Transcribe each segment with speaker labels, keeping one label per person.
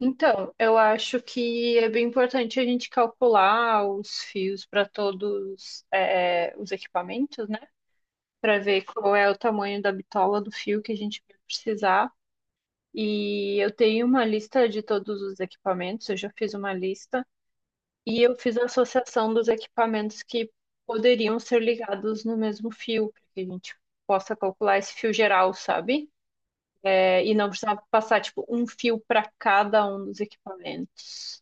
Speaker 1: Então, eu acho que é bem importante a gente calcular os fios para todos os equipamentos, né? Para ver qual é o tamanho da bitola do fio que a gente vai precisar. E eu tenho uma lista de todos os equipamentos, eu já fiz uma lista, e eu fiz a associação dos equipamentos que poderiam ser ligados no mesmo fio, para que a gente possa calcular esse fio geral, sabe? E não precisar passar, tipo, um fio para cada um dos equipamentos.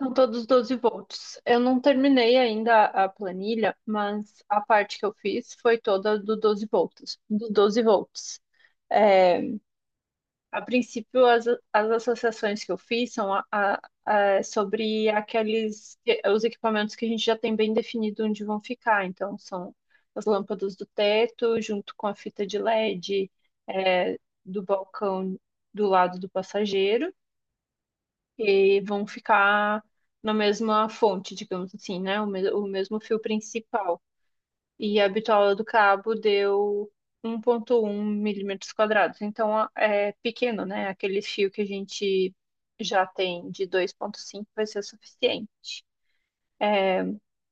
Speaker 1: São todos 12 volts. Eu não terminei ainda a planilha, mas a parte que eu fiz foi toda do 12 volts. É, a princípio, as associações que eu fiz são sobre aqueles os equipamentos que a gente já tem bem definido onde vão ficar. Então, são as lâmpadas do teto, junto com a fita de LED, é, do balcão do lado do passageiro que vão ficar na mesma fonte, digamos assim, né? O mesmo fio principal. E a bitola do cabo deu 1,1 milímetros quadrados. Então é pequeno, né? Aquele fio que a gente já tem de 2,5 vai ser o suficiente.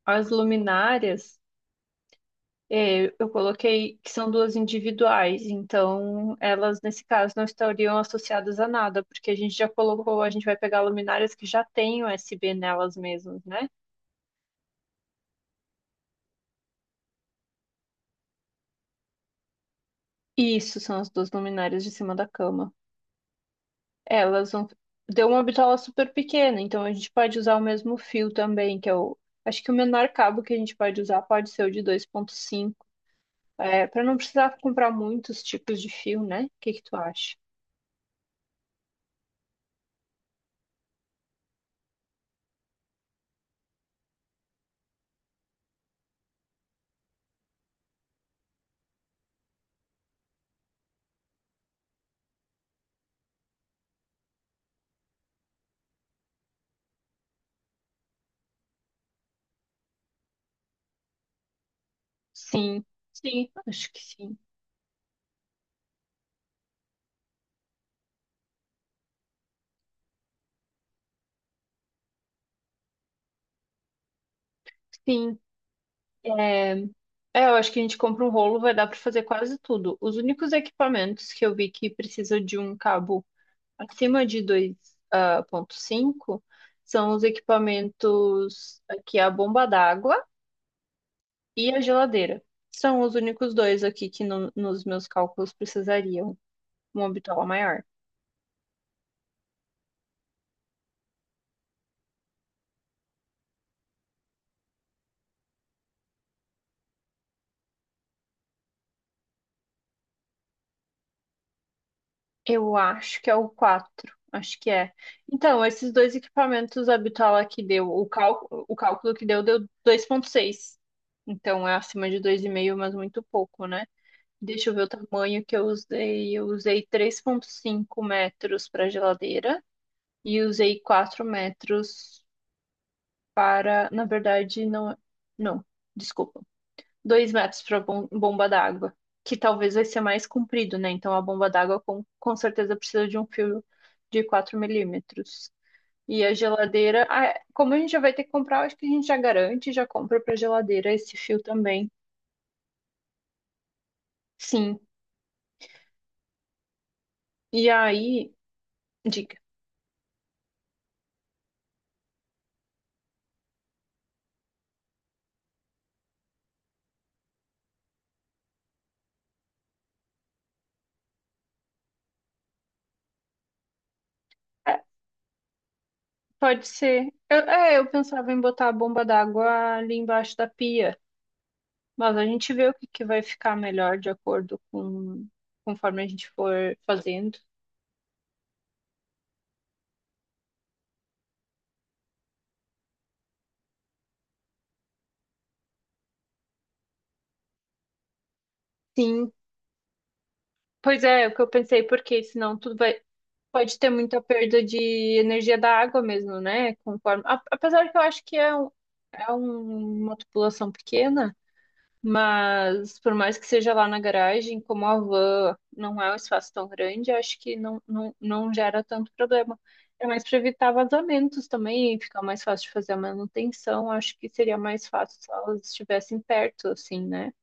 Speaker 1: As luminárias. Eu coloquei que são duas individuais, então elas nesse caso não estariam associadas a nada, porque a gente já colocou, a gente vai pegar luminárias que já têm USB nelas mesmas, né? Isso são as duas luminárias de cima da cama. Elas vão. Deu uma bitola super pequena, então a gente pode usar o mesmo fio também, que é o. Acho que o menor cabo que a gente pode usar pode ser o de 2,5. Para não precisar comprar muitos tipos de fio, né? O que que tu acha? Sim, sim, acho que sim. Sim. Eu acho que a gente compra um rolo, vai dar para fazer quase tudo. Os únicos equipamentos que eu vi que precisa de um cabo acima de 2,5 são os equipamentos aqui a bomba d'água e a geladeira. São os únicos dois aqui que nos meus cálculos precisariam uma bitola maior. Eu acho que é o quatro acho que é. Então, esses dois equipamentos, a bitola que deu, o cálculo que deu 2,6. Então, é acima de 2,5, mas muito pouco, né? Deixa eu ver o tamanho que eu usei. Eu usei 3,5 metros para geladeira. E usei 4 metros para. Na verdade, não. Não, desculpa. 2 metros para bomba d'água, que talvez vai ser mais comprido, né? Então a bomba d'água com certeza precisa de um fio de 4 milímetros. E a geladeira, ah, como a gente já vai ter que comprar, acho que a gente já garante, já compra para geladeira esse fio também. Sim. E aí, dica. É, Pode ser. Eu pensava em botar a bomba d'água ali embaixo da pia. Mas a gente vê o que que vai ficar melhor de acordo com conforme a gente for fazendo. Sim, pois é, é o que eu pensei, porque senão tudo vai pode ter muita perda de energia da água mesmo, né? Conforme, apesar que eu acho que é, uma população pequena, mas por mais que seja lá na garagem, como a van não é um espaço tão grande, acho que não, não, não gera tanto problema. É mais para evitar vazamentos também, fica mais fácil de fazer a manutenção. Acho que seria mais fácil se elas estivessem perto, assim, né?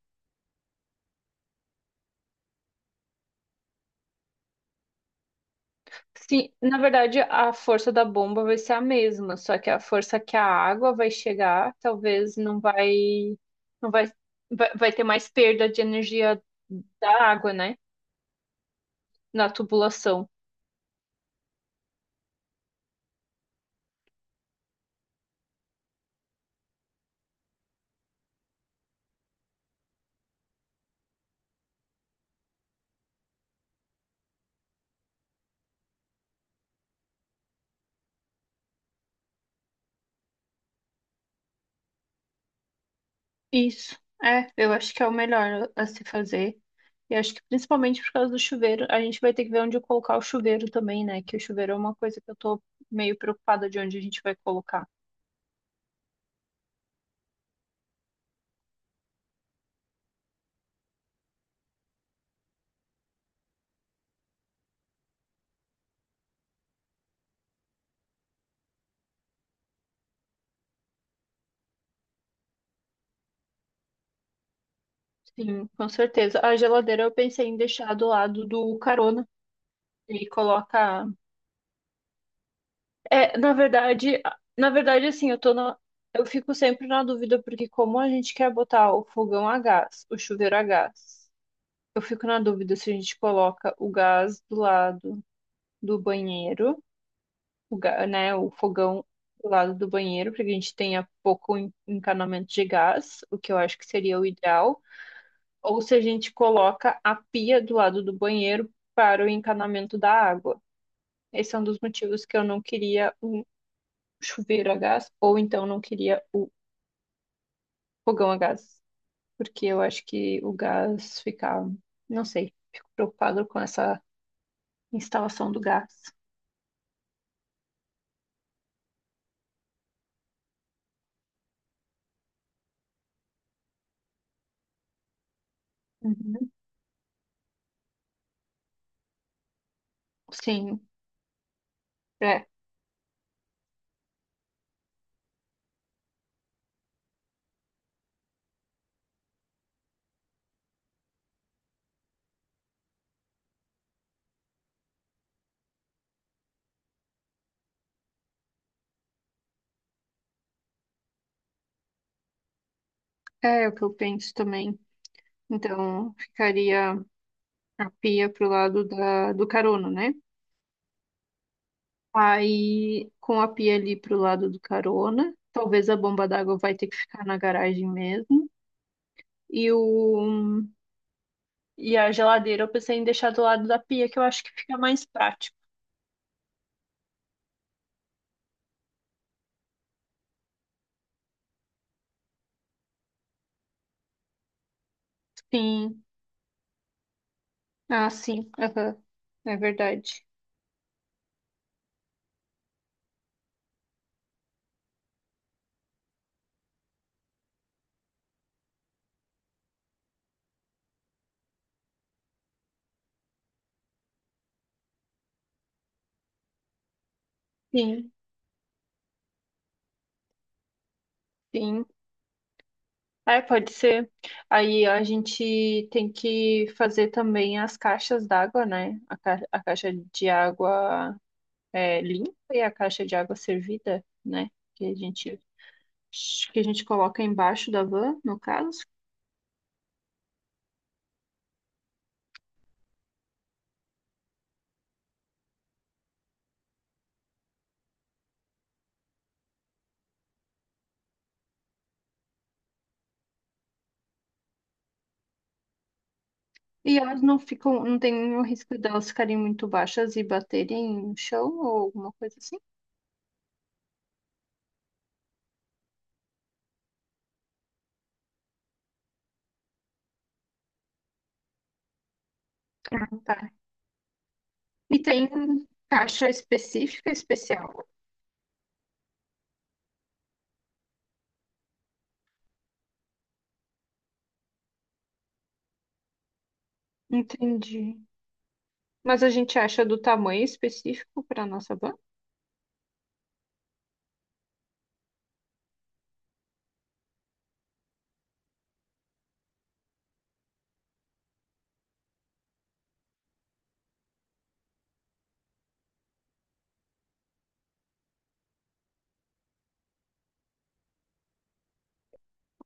Speaker 1: Sim, na verdade, a força da bomba vai ser a mesma, só que a força que a água vai chegar, talvez não vai, não vai, vai, vai ter mais perda de energia da água, né? Na tubulação. Isso. Eu acho que é o melhor a se fazer. E acho que principalmente por causa do chuveiro, a gente vai ter que ver onde colocar o chuveiro também, né? Que o chuveiro é uma coisa que eu tô meio preocupada de onde a gente vai colocar. Sim, com certeza. A geladeira eu pensei em deixar do lado do carona e coloca. Na verdade, na verdade, assim, eu fico sempre na dúvida, porque como a gente quer botar o fogão a gás, o chuveiro a gás, eu fico na dúvida se a gente coloca o gás do lado do banheiro, né, o fogão do lado do banheiro, porque a gente tenha pouco encanamento de gás, o que eu acho que seria o ideal, ou se a gente coloca a pia do lado do banheiro para o encanamento da água. Esse é um dos motivos que eu não queria chuveiro a gás, ou então não queria o fogão a gás, porque eu acho que o gás fica, não sei, fico preocupado com essa instalação do gás. Uhum. Sim, é, é o que eu penso também. Então, ficaria a pia pro lado do carona, né? Aí, com a pia ali pro lado do carona, talvez a bomba d'água vai ter que ficar na garagem mesmo. E o, e a geladeira eu pensei em deixar do lado da pia, que eu acho que fica mais prático. Sim. Ah, sim. Aham. É verdade. Sim, sim. Pode ser. Aí a gente tem que fazer também as caixas d'água, né? A caixa de água limpa e a caixa de água servida, né? Que a gente coloca embaixo da van, no caso. E elas não ficam, não tem o risco delas ficarem muito baixas e baterem no chão ou alguma coisa assim. Ah, tá. E tem caixa específica, especial. Entendi. Mas a gente acha do tamanho específico para nossa banca?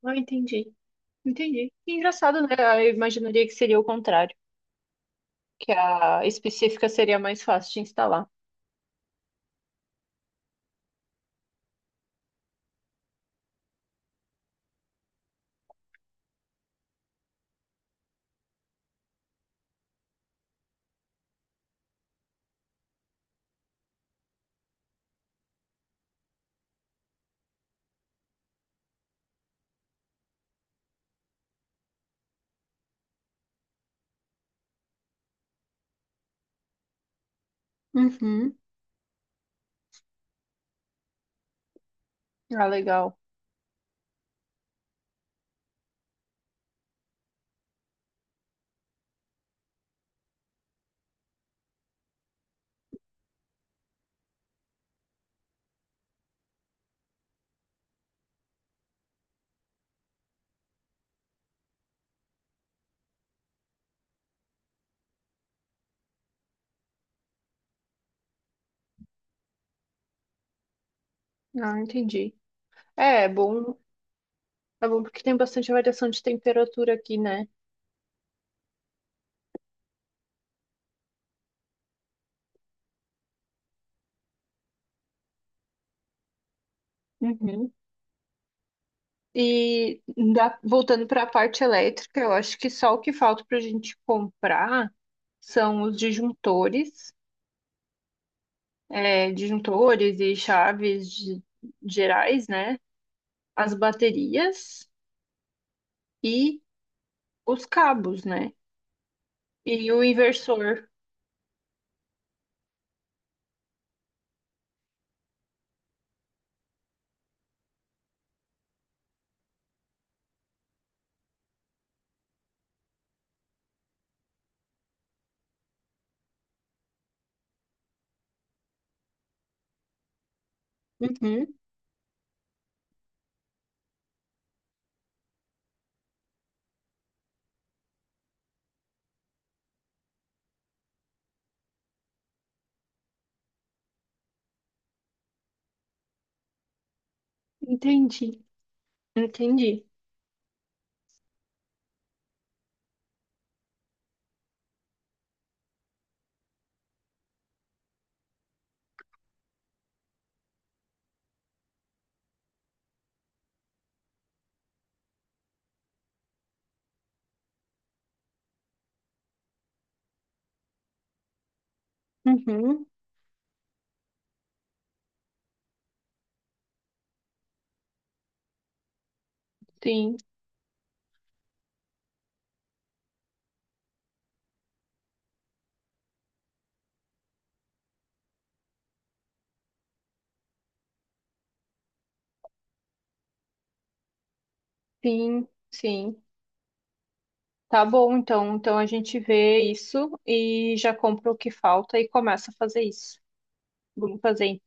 Speaker 1: Ah, entendi. Entendi. Que engraçado, né? Ah, eu imaginaria que seria o contrário, que a específica seria mais fácil de instalar. Uhum. Ah, legal. Ah, entendi. É bom. É bom porque tem bastante variação de temperatura aqui, né? Uhum. E voltando para a parte elétrica, eu acho que só o que falta para a gente comprar são os disjuntores. Disjuntores e chaves gerais, né? As baterias e os cabos, né? E o inversor. Uhum, entendi, entendi. Uhum, sim, sim, sim. Tá bom, então. Então a gente vê isso e já compra o que falta e começa a fazer isso. Vamos fazer,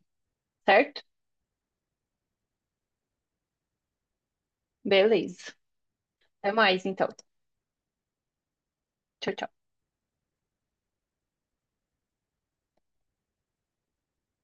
Speaker 1: certo? Beleza. Até mais, então. Tchau, tchau.